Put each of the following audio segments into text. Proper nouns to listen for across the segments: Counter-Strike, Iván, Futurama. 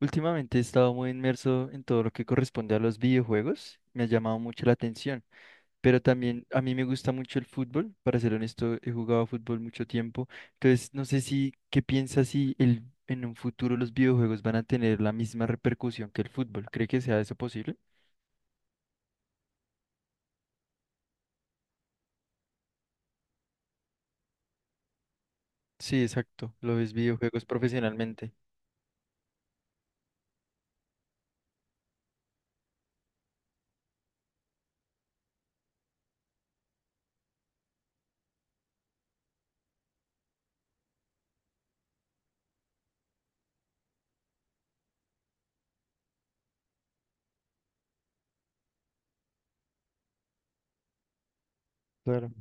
Últimamente he estado muy inmerso en todo lo que corresponde a los videojuegos, me ha llamado mucho la atención, pero también a mí me gusta mucho el fútbol. Para ser honesto, he jugado fútbol mucho tiempo. Entonces no sé si, ¿qué piensas si en un futuro los videojuegos van a tener la misma repercusión que el fútbol? ¿Cree que sea eso posible? Sí, exacto, lo ves videojuegos profesionalmente. Claro,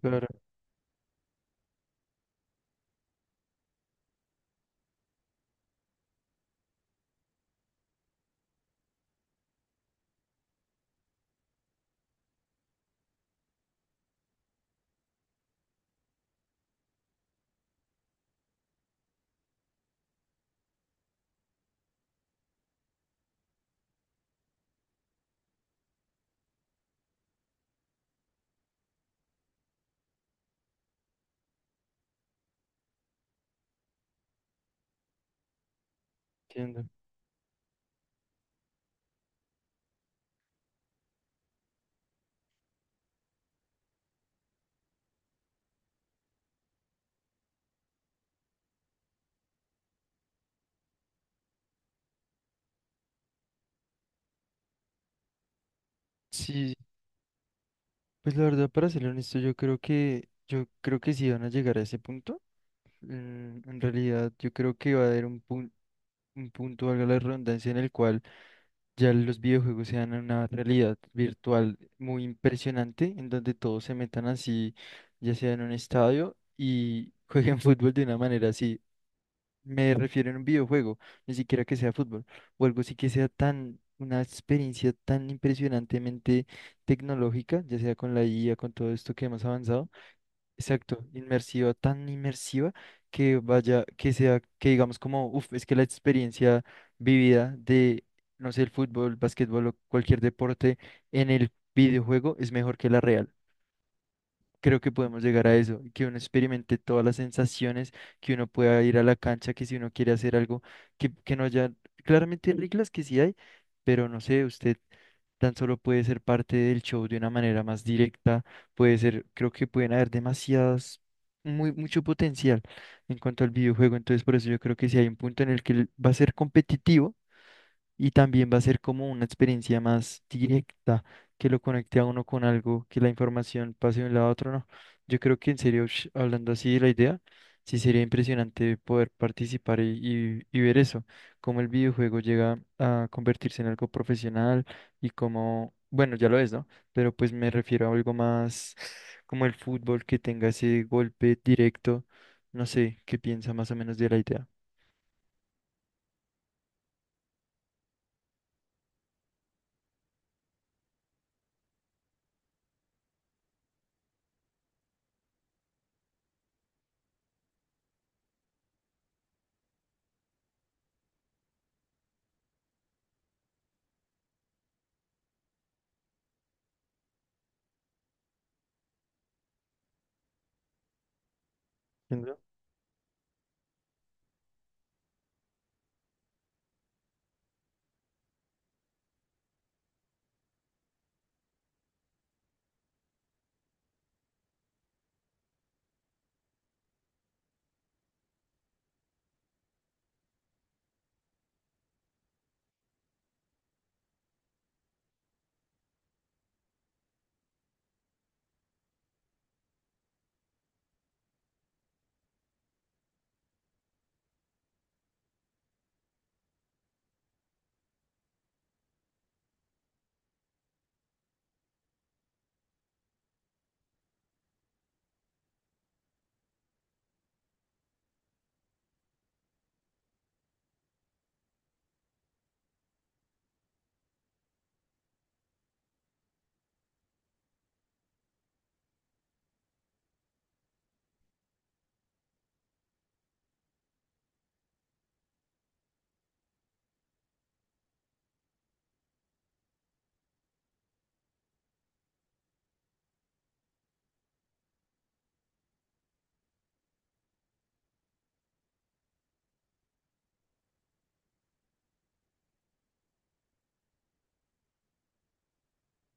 claro, entiendo. Sí, pues la verdad, para ser honesto, yo creo que sí van a llegar a ese punto. En realidad, yo creo que va a haber un punto, valga la redundancia, en el cual ya los videojuegos sean una realidad virtual muy impresionante, en donde todos se metan así, ya sea en un estadio y jueguen fútbol de una manera así. Me refiero a un videojuego, ni siquiera que sea fútbol, o algo así que sea tan, una experiencia tan impresionantemente tecnológica, ya sea con la IA, con todo esto que hemos avanzado. Exacto, inmersiva, tan inmersiva que vaya, que sea, que digamos como, uff, es que la experiencia vivida de, no sé, el fútbol, básquetbol o cualquier deporte en el videojuego es mejor que la real. Creo que podemos llegar a eso, que uno experimente todas las sensaciones, que uno pueda ir a la cancha, que si uno quiere hacer algo, que no haya, claramente hay reglas que sí hay, pero no sé, usted tan solo puede ser parte del show de una manera más directa, puede ser, creo que pueden haber demasiadas, muy, mucho potencial en cuanto al videojuego. Entonces por eso yo creo que si hay un punto en el que va a ser competitivo, y también va a ser como una experiencia más directa que lo conecte a uno con algo, que la información pase de un lado a otro, no. Yo creo que en serio, hablando así de la idea, sí sería impresionante poder participar y, y ver eso, cómo el videojuego llega a convertirse en algo profesional y cómo, bueno, ya lo es, ¿no? Pero pues me refiero a algo más como el fútbol que tenga ese golpe directo. No sé, qué piensa más o menos de la idea.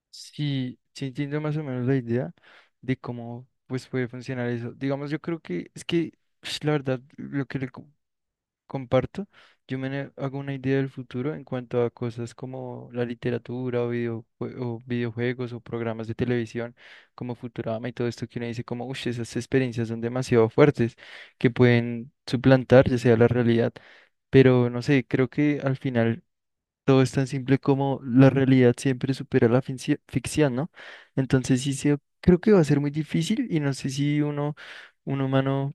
Sí, sí entiendo más o menos la idea de cómo pues puede funcionar eso. Digamos, yo creo que es que la verdad lo que comparto, hago una idea del futuro en cuanto a cosas como la literatura o, videojuegos o programas de televisión como Futurama y todo esto que uno dice como, uff, esas experiencias son demasiado fuertes que pueden suplantar ya sea la realidad. Pero no sé, creo que al final todo es tan simple como la realidad siempre supera la ficción, ¿no? Entonces sí, creo que va a ser muy difícil y no sé si uno, un humano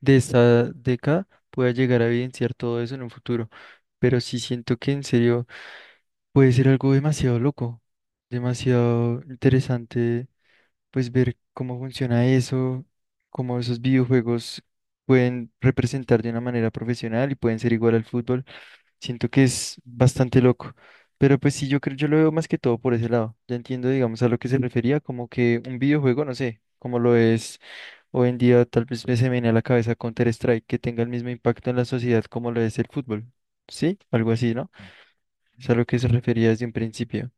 de esta década pueda llegar a evidenciar todo eso en un futuro, pero sí siento que en serio puede ser algo demasiado loco, demasiado interesante, pues ver cómo funciona eso, cómo esos videojuegos pueden representar de una manera profesional y pueden ser igual al fútbol. Siento que es bastante loco, pero pues sí, yo creo, yo lo veo más que todo por ese lado. Ya entiendo, digamos, a lo que se refería, como que un videojuego, no sé, como lo es hoy en día, tal vez me se me viene a la cabeza Counter-Strike, que tenga el mismo impacto en la sociedad como lo es el fútbol, ¿sí? Algo así, ¿no? Es a lo que se refería desde un principio.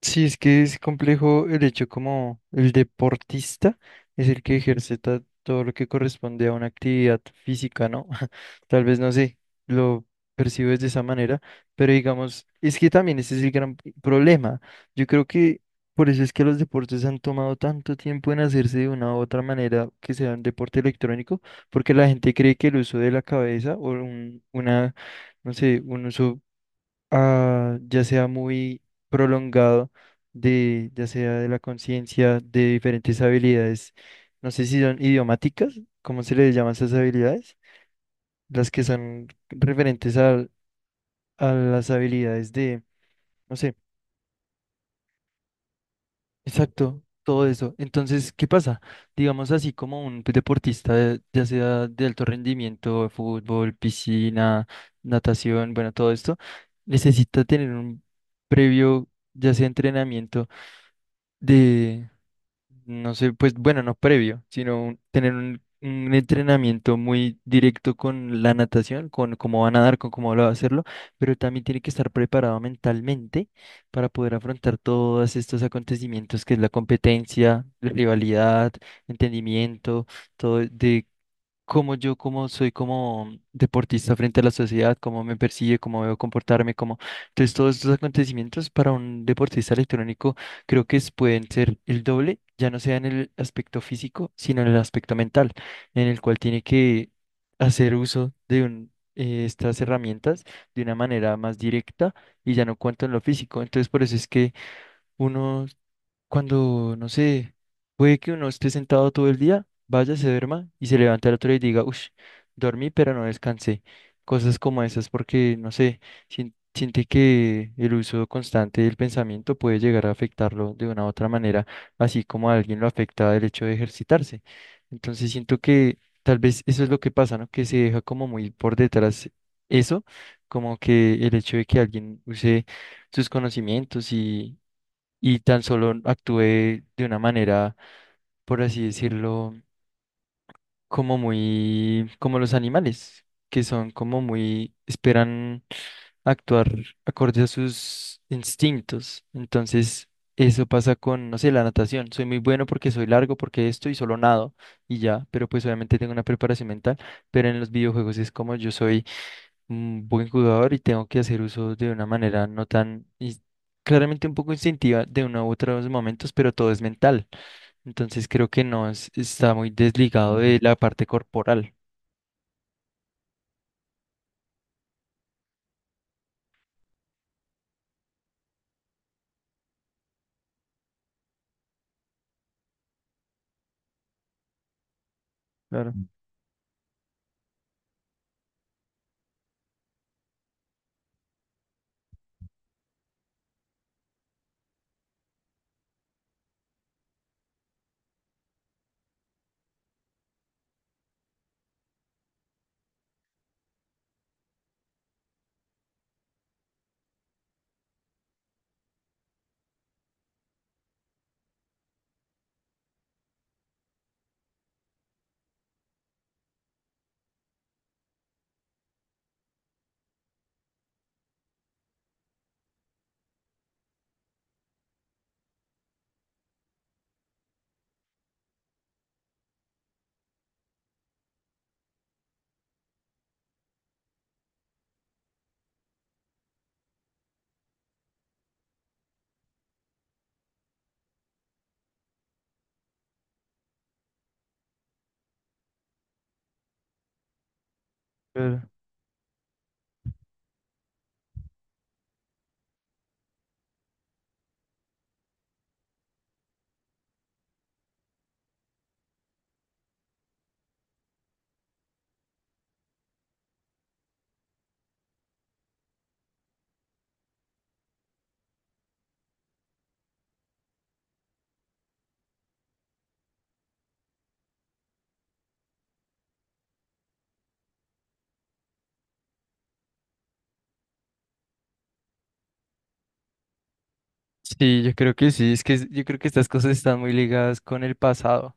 Sí, es que es complejo el hecho como el deportista es el que ejerce todo lo que corresponde a una actividad física, ¿no? Tal vez no sé, lo percibes de esa manera, pero digamos, es que también ese es el gran problema. Yo creo que por eso es que los deportes han tomado tanto tiempo en hacerse de una u otra manera que sea un deporte electrónico, porque la gente cree que el uso de la cabeza o una, no sé, un uso ya sea muy prolongado, de, ya sea de la conciencia, de diferentes habilidades. No sé si son idiomáticas, ¿cómo se les llama esas habilidades? Las que son referentes a, las habilidades de, no sé. Exacto, todo eso. Entonces, ¿qué pasa? Digamos así como un deportista, ya sea de alto rendimiento, fútbol, piscina, natación, bueno, todo esto, necesita tener un previo, ya sea entrenamiento de, no sé, pues bueno, no previo, sino tener un entrenamiento muy directo con la natación, con cómo va a nadar, con cómo va a hacerlo, pero también tiene que estar preparado mentalmente para poder afrontar todos estos acontecimientos que es la competencia, la rivalidad, entendimiento, todo de cómo yo como soy como deportista frente a la sociedad, cómo me persigue, cómo debo comportarme, cómo... Entonces todos estos acontecimientos para un deportista electrónico creo que pueden ser el doble, ya no sea en el aspecto físico, sino en el aspecto mental, en el cual tiene que hacer uso de estas herramientas de una manera más directa y ya no cuanto en lo físico. Entonces por eso es que uno cuando, no sé, puede que uno esté sentado todo el día, vaya, se duerma y se levanta el otro día y diga, uff, dormí pero no descansé. Cosas como esas, porque, no sé, siente que el uso constante del pensamiento puede llegar a afectarlo de una u otra manera, así como a alguien lo afecta el hecho de ejercitarse. Entonces siento que tal vez eso es lo que pasa, ¿no? Que se deja como muy por detrás eso, como que el hecho de que alguien use sus conocimientos y tan solo actué de una manera, por así decirlo, como muy, como los animales, que son como muy, esperan actuar acorde a sus instintos. Entonces, eso pasa con, no sé, la natación. Soy muy bueno porque soy largo, porque esto y solo nado y ya, pero pues obviamente tengo una preparación mental, pero en los videojuegos es como yo soy un buen jugador y tengo que hacer uso de una manera no tan, claramente un poco instintiva de uno u otro de los momentos, pero todo es mental. Entonces creo que no es- está muy desligado de la parte corporal. Claro. Sí, yo creo que sí, es que yo creo que estas cosas están muy ligadas con el pasado.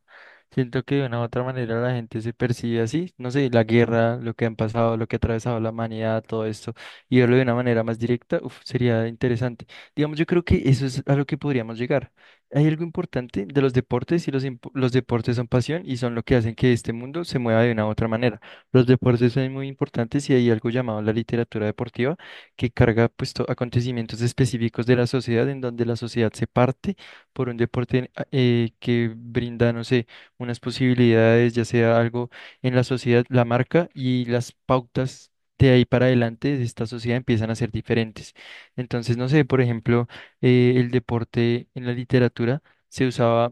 Siento que de una u otra manera la gente se percibe así, no sé, la guerra, lo que han pasado, lo que ha atravesado la humanidad, todo esto, y verlo de una manera más directa, uf, sería interesante. Digamos, yo creo que eso es a lo que podríamos llegar. Hay algo importante de los deportes y los, los deportes son pasión y son lo que hacen que este mundo se mueva de una u otra manera. Los deportes son muy importantes y hay algo llamado la literatura deportiva que carga pues, acontecimientos específicos de la sociedad, en donde la sociedad se parte por un deporte que brinda, no sé, unas posibilidades, ya sea algo en la sociedad, la marca y las pautas. De ahí para adelante de esta sociedad empiezan a ser diferentes. Entonces, no sé, por ejemplo, el deporte en la literatura se usaba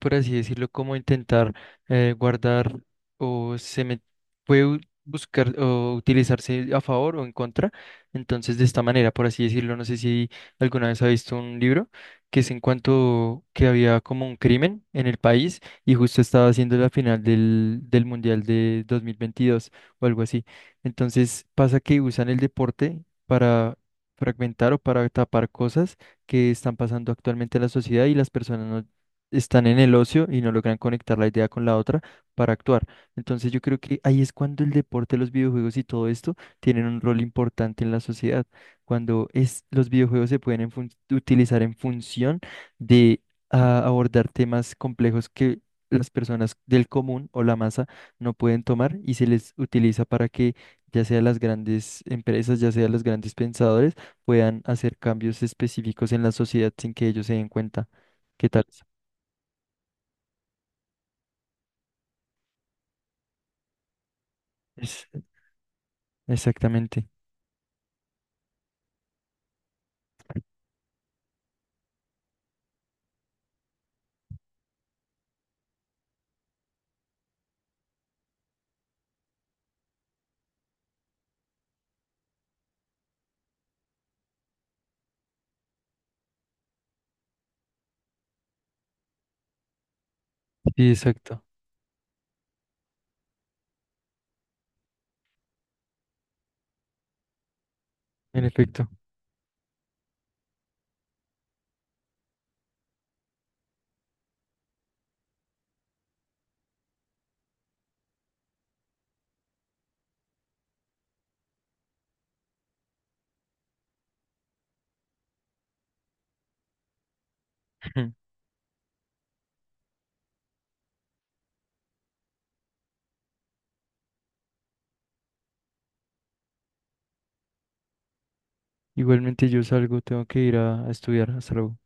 por así decirlo, como intentar guardar o se me puede buscar o utilizarse a favor o en contra. Entonces, de esta manera, por así decirlo, no sé si alguna vez ha visto un libro que es en cuanto que había como un crimen en el país y justo estaba haciendo la final del, del Mundial de 2022 o algo así. Entonces, pasa que usan el deporte para fragmentar o para tapar cosas que están pasando actualmente en la sociedad y las personas no están en el ocio y no logran conectar la idea con la otra para actuar. Entonces yo creo que ahí es cuando el deporte, los videojuegos y todo esto tienen un rol importante en la sociedad, cuando es, los videojuegos se pueden en utilizar en función de abordar temas complejos que las personas del común o la masa no pueden tomar y se les utiliza para que ya sea las grandes empresas, ya sea los grandes pensadores, puedan hacer cambios específicos en la sociedad sin que ellos se den cuenta. ¿Qué tal? Es, exactamente. Sí, exacto. En efecto. Igualmente yo salgo, tengo que ir a estudiar. Hasta luego.